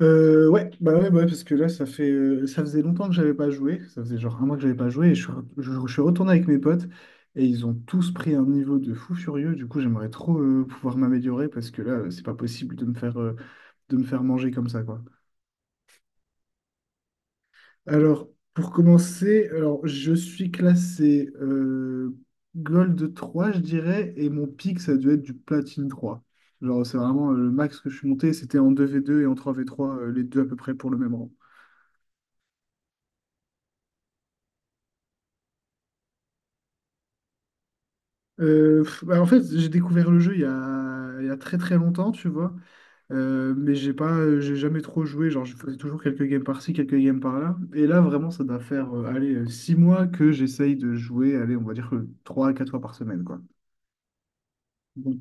Ouais, bah ouais, parce que là, ça faisait longtemps que j'avais pas joué. Ça faisait genre un mois que j'avais pas joué. Et je suis retourné avec mes potes et ils ont tous pris un niveau de fou furieux. Du coup, j'aimerais trop pouvoir m'améliorer parce que là, c'est pas possible de me faire manger comme ça, quoi. Alors, pour commencer, je suis classé Gold 3 je dirais, et mon pic, ça a dû être du Platine trois. Genre, c'est vraiment le max que je suis monté. C'était en deux v deux et en trois v trois les deux à peu près pour le même rang. En fait, j'ai découvert le jeu il y a très très longtemps, tu vois. Mais j'ai jamais trop joué. Genre, je faisais toujours quelques games par-ci, quelques games par-là. Et là, vraiment, ça doit faire 6 mois que j'essaye de jouer, allez, on va dire que 3 à 4 fois par semaine, quoi. Donc,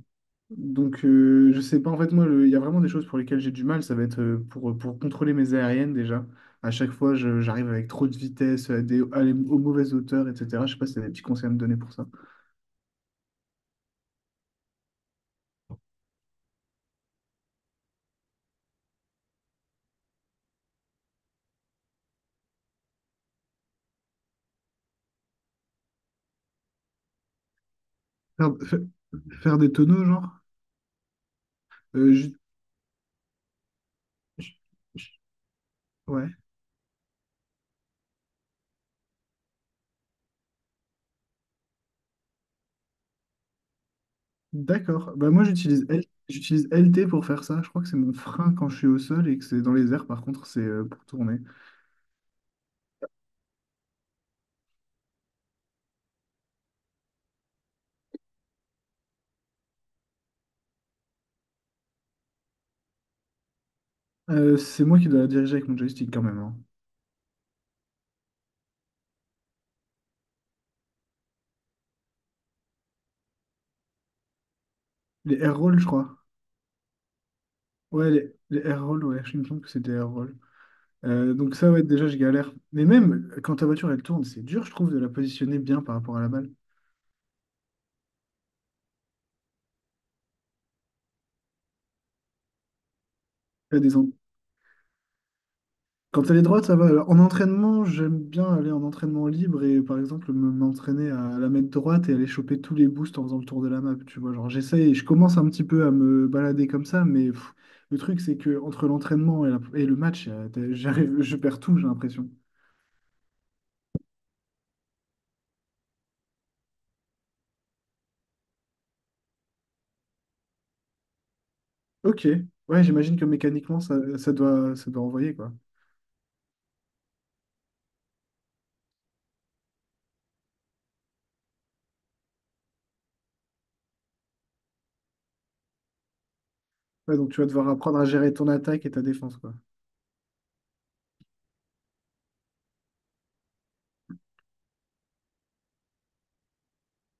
donc je sais pas, en fait, moi, il y a vraiment des choses pour lesquelles j'ai du mal. Ça va être pour pour contrôler mes aériennes déjà. À chaque fois, j'arrive avec trop de vitesse, à des, à les- aux mauvaises hauteurs, etc. Je sais pas si t'as des petits conseils à me donner pour ça. Faire, fa- Faire des tonneaux, genre? Euh, Ouais, d'accord. J'utilise LT pour faire ça. Je crois que c'est mon frein quand je suis au sol et que c'est dans les airs, par contre c'est pour tourner. C'est moi qui dois la diriger avec mon joystick quand même, hein. Les air rolls je crois. Ouais, les air rolls, ouais, je me semble que c'était air roll. Donc ça ouais déjà je galère. Mais même quand ta voiture elle tourne, c'est dur je trouve de la positionner bien par rapport à la balle. T'as des, en- Quand elle est droite, ça va. Alors, en entraînement, j'aime bien aller en entraînement libre et par exemple m'entraîner à la mettre droite et aller choper tous les boosts en faisant le tour de la map. Tu vois, je commence un petit peu à me balader comme ça, mais pff, le truc c'est que entre l'entraînement et le match, j'arrive, je perds tout, j'ai l'impression. Ok, ouais, j'imagine que mécaniquement ça doit envoyer quoi. Ouais, donc tu vas devoir apprendre à gérer ton attaque et ta défense quoi.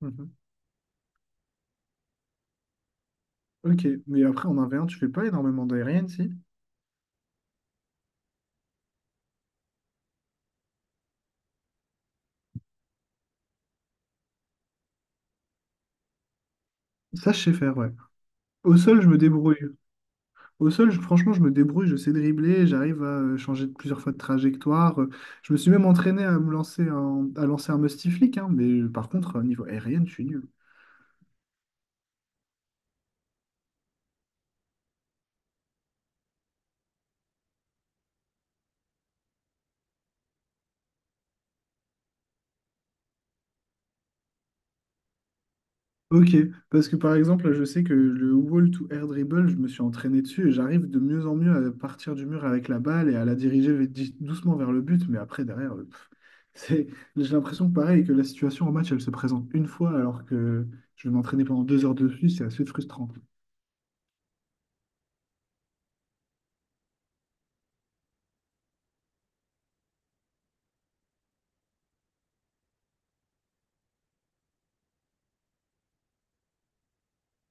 Mhm. Ok, mais après en 1v1, tu fais pas énormément d'aérienne si? Ça, je sais faire, ouais. Au sol, je me débrouille. Au sol, franchement, je me débrouille, je sais dribbler, j'arrive à changer de plusieurs fois de trajectoire. Je me suis même entraîné à lancer un musty flick, hein, mais par contre, au niveau aérien, je suis nul. Ok, parce que par exemple, je sais que le wall to air dribble, je me suis entraîné dessus et j'arrive de mieux en mieux à partir du mur avec la balle et à la diriger doucement vers le but, mais après, derrière, c'est, j'ai l'impression que pareil, que la situation en match, elle se présente une fois alors que je vais m'entraîner pendant 2 heures dessus, c'est assez frustrant.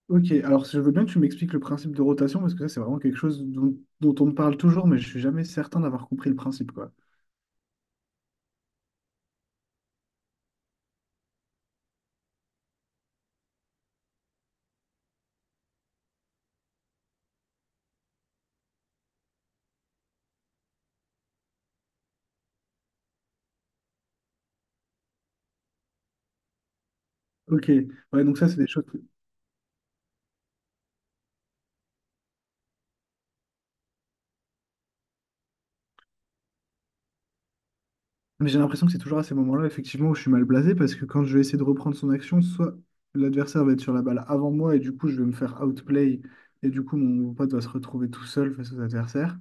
Ok, alors je veux bien que tu m'expliques le principe de rotation, parce que ça, c'est vraiment quelque chose dont on me parle toujours, mais je suis jamais certain d'avoir compris le principe, quoi. Ok, ouais, donc ça, c'est des choses. Mais j'ai l'impression que c'est toujours à ces moments-là, effectivement, où je suis mal blasé, parce que quand je vais essayer de reprendre son action, soit l'adversaire va être sur la balle avant moi, et du coup, je vais me faire outplay, et du coup, mon pote va se retrouver tout seul face aux adversaires,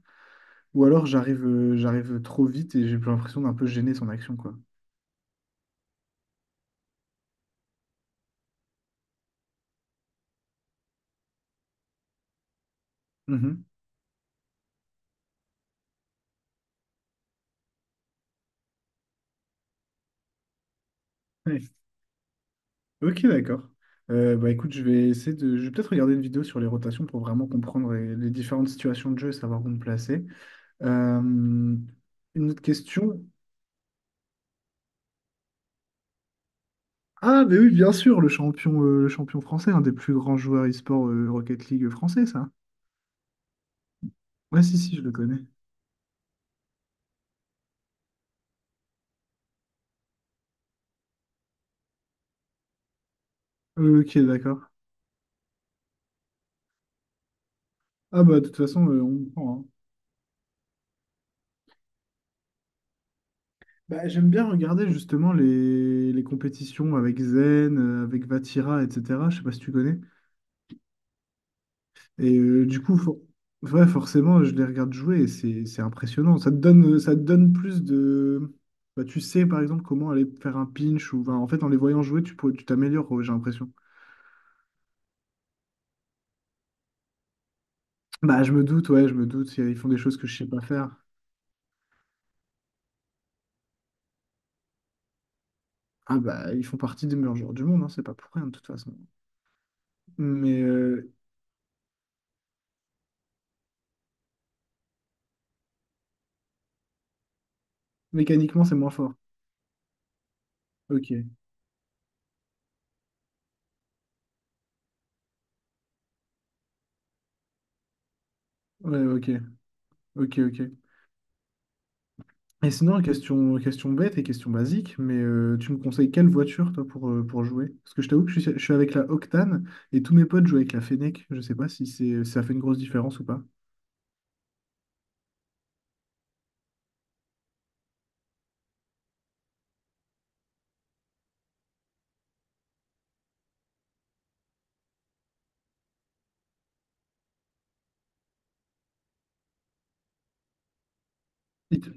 ou alors j'arrive trop vite et j'ai l'impression d'un peu gêner son action, quoi. Mhm. Ok, d'accord. Bah écoute, je vais essayer de. Je vais peut-être regarder une vidéo sur les rotations pour vraiment comprendre les différentes situations de jeu et savoir où me placer. Euh, une autre question. Ah, mais oui, bien sûr, le champion français, un des plus grands joueurs e-sport Rocket League français, ça. Ouais, si, si, je le connais. Ok, d'accord. Ah, bah, de toute façon, on prend, hein. Bah, j'aime bien regarder justement les compétitions avec Zen, avec Vatira, etc. Je sais pas si tu connais. Et euh, du coup, for- ouais, forcément, je les regarde jouer et c'est impressionnant. Ça te donne plus de… Bah, tu sais, par exemple, comment aller faire un pinch ou… bah, en fait, en les voyant jouer, tu t'améliores, ouais, j'ai l'impression. Bah, je me doute, ouais, je me doute. Ils font des choses que je sais pas faire. Ah bah, ils font partie des meilleurs joueurs du monde, hein, c'est pas pour rien, de toute façon. Mais euh, Mécaniquement, c'est moins fort. Ok. Ouais, ok. Ok, ok. Et sinon, question, question bête et question basique, mais tu me conseilles quelle voiture, toi, pour jouer? Parce que je t'avoue que je suis avec la Octane et tous mes potes jouent avec la Fennec. Je sais pas si c'est, si ça fait une grosse différence ou pas. Hit-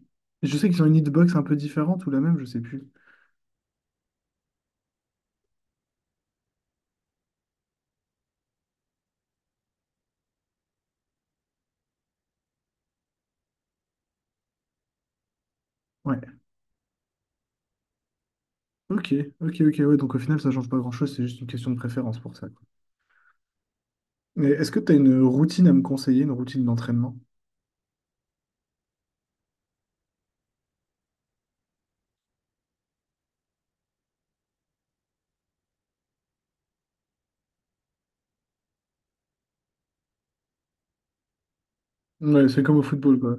Je sais qu'ils ont une hitbox un peu différente ou la même, je sais plus. Ouais. Ok, ok, ouais. Donc au final, ça change pas grand-chose, c'est juste une question de préférence pour ça. Et est-ce que tu as une routine à me conseiller, une routine d'entraînement? Ouais, c'est comme au football, quoi.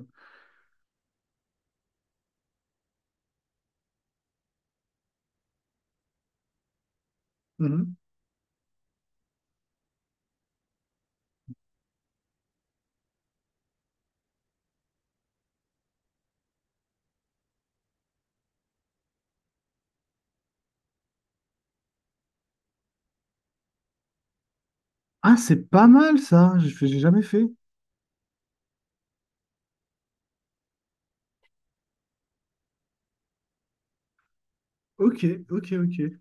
Mhm. Ah, c'est pas mal ça, j'ai jamais fait. Ok, ok.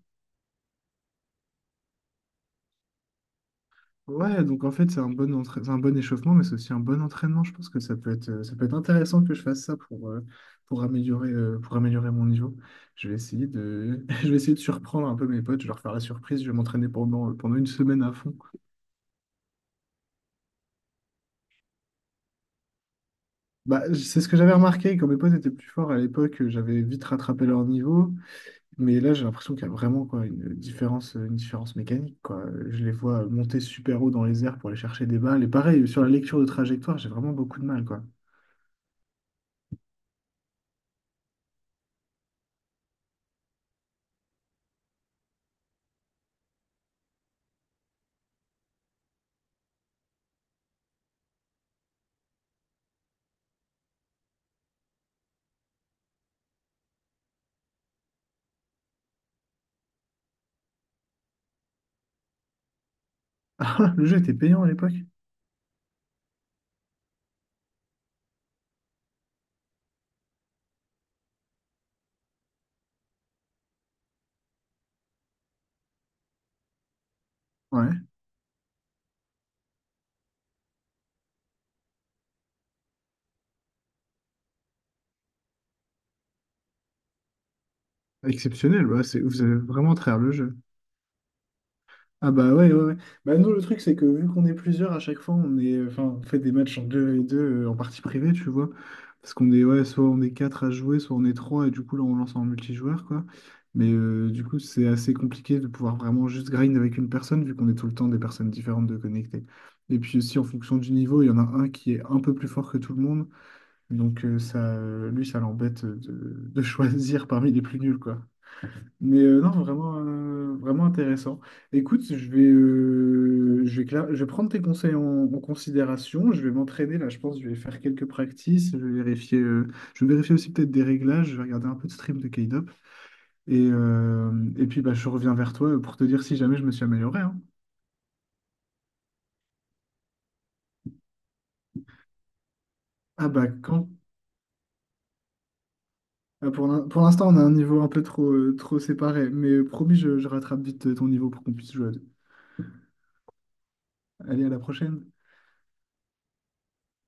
Ouais, donc en fait, c'est un c'est un bon échauffement, mais c'est aussi un bon entraînement. Je pense que ça peut être intéressant que je fasse ça pour améliorer mon niveau. Je vais essayer de, je vais essayer de surprendre un peu mes potes, je vais leur faire la surprise, je vais m'entraîner pendant, pendant une semaine à fond. Bah, c'est ce que j'avais remarqué, quand mes potes étaient plus forts à l'époque, j'avais vite rattrapé leur niveau. Mais là, j'ai l'impression qu'il y a vraiment quoi, une différence mécanique, quoi. Je les vois monter super haut dans les airs pour aller chercher des balles. Et pareil, sur la lecture de trajectoire, j'ai vraiment beaucoup de mal, quoi. Ah, le jeu était payant à l'époque. Ouais, exceptionnel. Ouais, c'est, vous avez vraiment à travers le jeu. Ah bah ouais, ouais, ouais. Bah nous, le truc, c'est que vu qu'on est plusieurs, à chaque fois, on est, enfin, on fait des matchs en deux et deux en partie privée, tu vois. Parce qu'on est, ouais, soit on est 4 à jouer, soit on est 3 et du coup, là, on lance en multijoueur, quoi. Mais du coup, c'est assez compliqué de pouvoir vraiment juste grind avec une personne, vu qu'on est tout le temps des personnes différentes de connecter. Et puis aussi, en fonction du niveau, il y en a un qui est un peu plus fort que tout le monde. Donc lui, ça l'embête de choisir parmi les plus nuls, quoi. Mais non, vraiment, vraiment intéressant. Écoute, je vais prendre tes conseils en considération. Je vais m'entraîner là, je pense. Je vais faire quelques practices. Je vais vérifier aussi peut-être des réglages. Je vais regarder un peu de stream de K-Dop. Et, euh, et puis, bah, je reviens vers toi pour te dire si jamais je me suis amélioré, hein. Ah bah quand? Ah, pour l'instant, on a un niveau un peu trop, trop séparé. Mais promis, je rattrape vite ton niveau pour qu'on puisse jouer à deux. Allez, à la prochaine.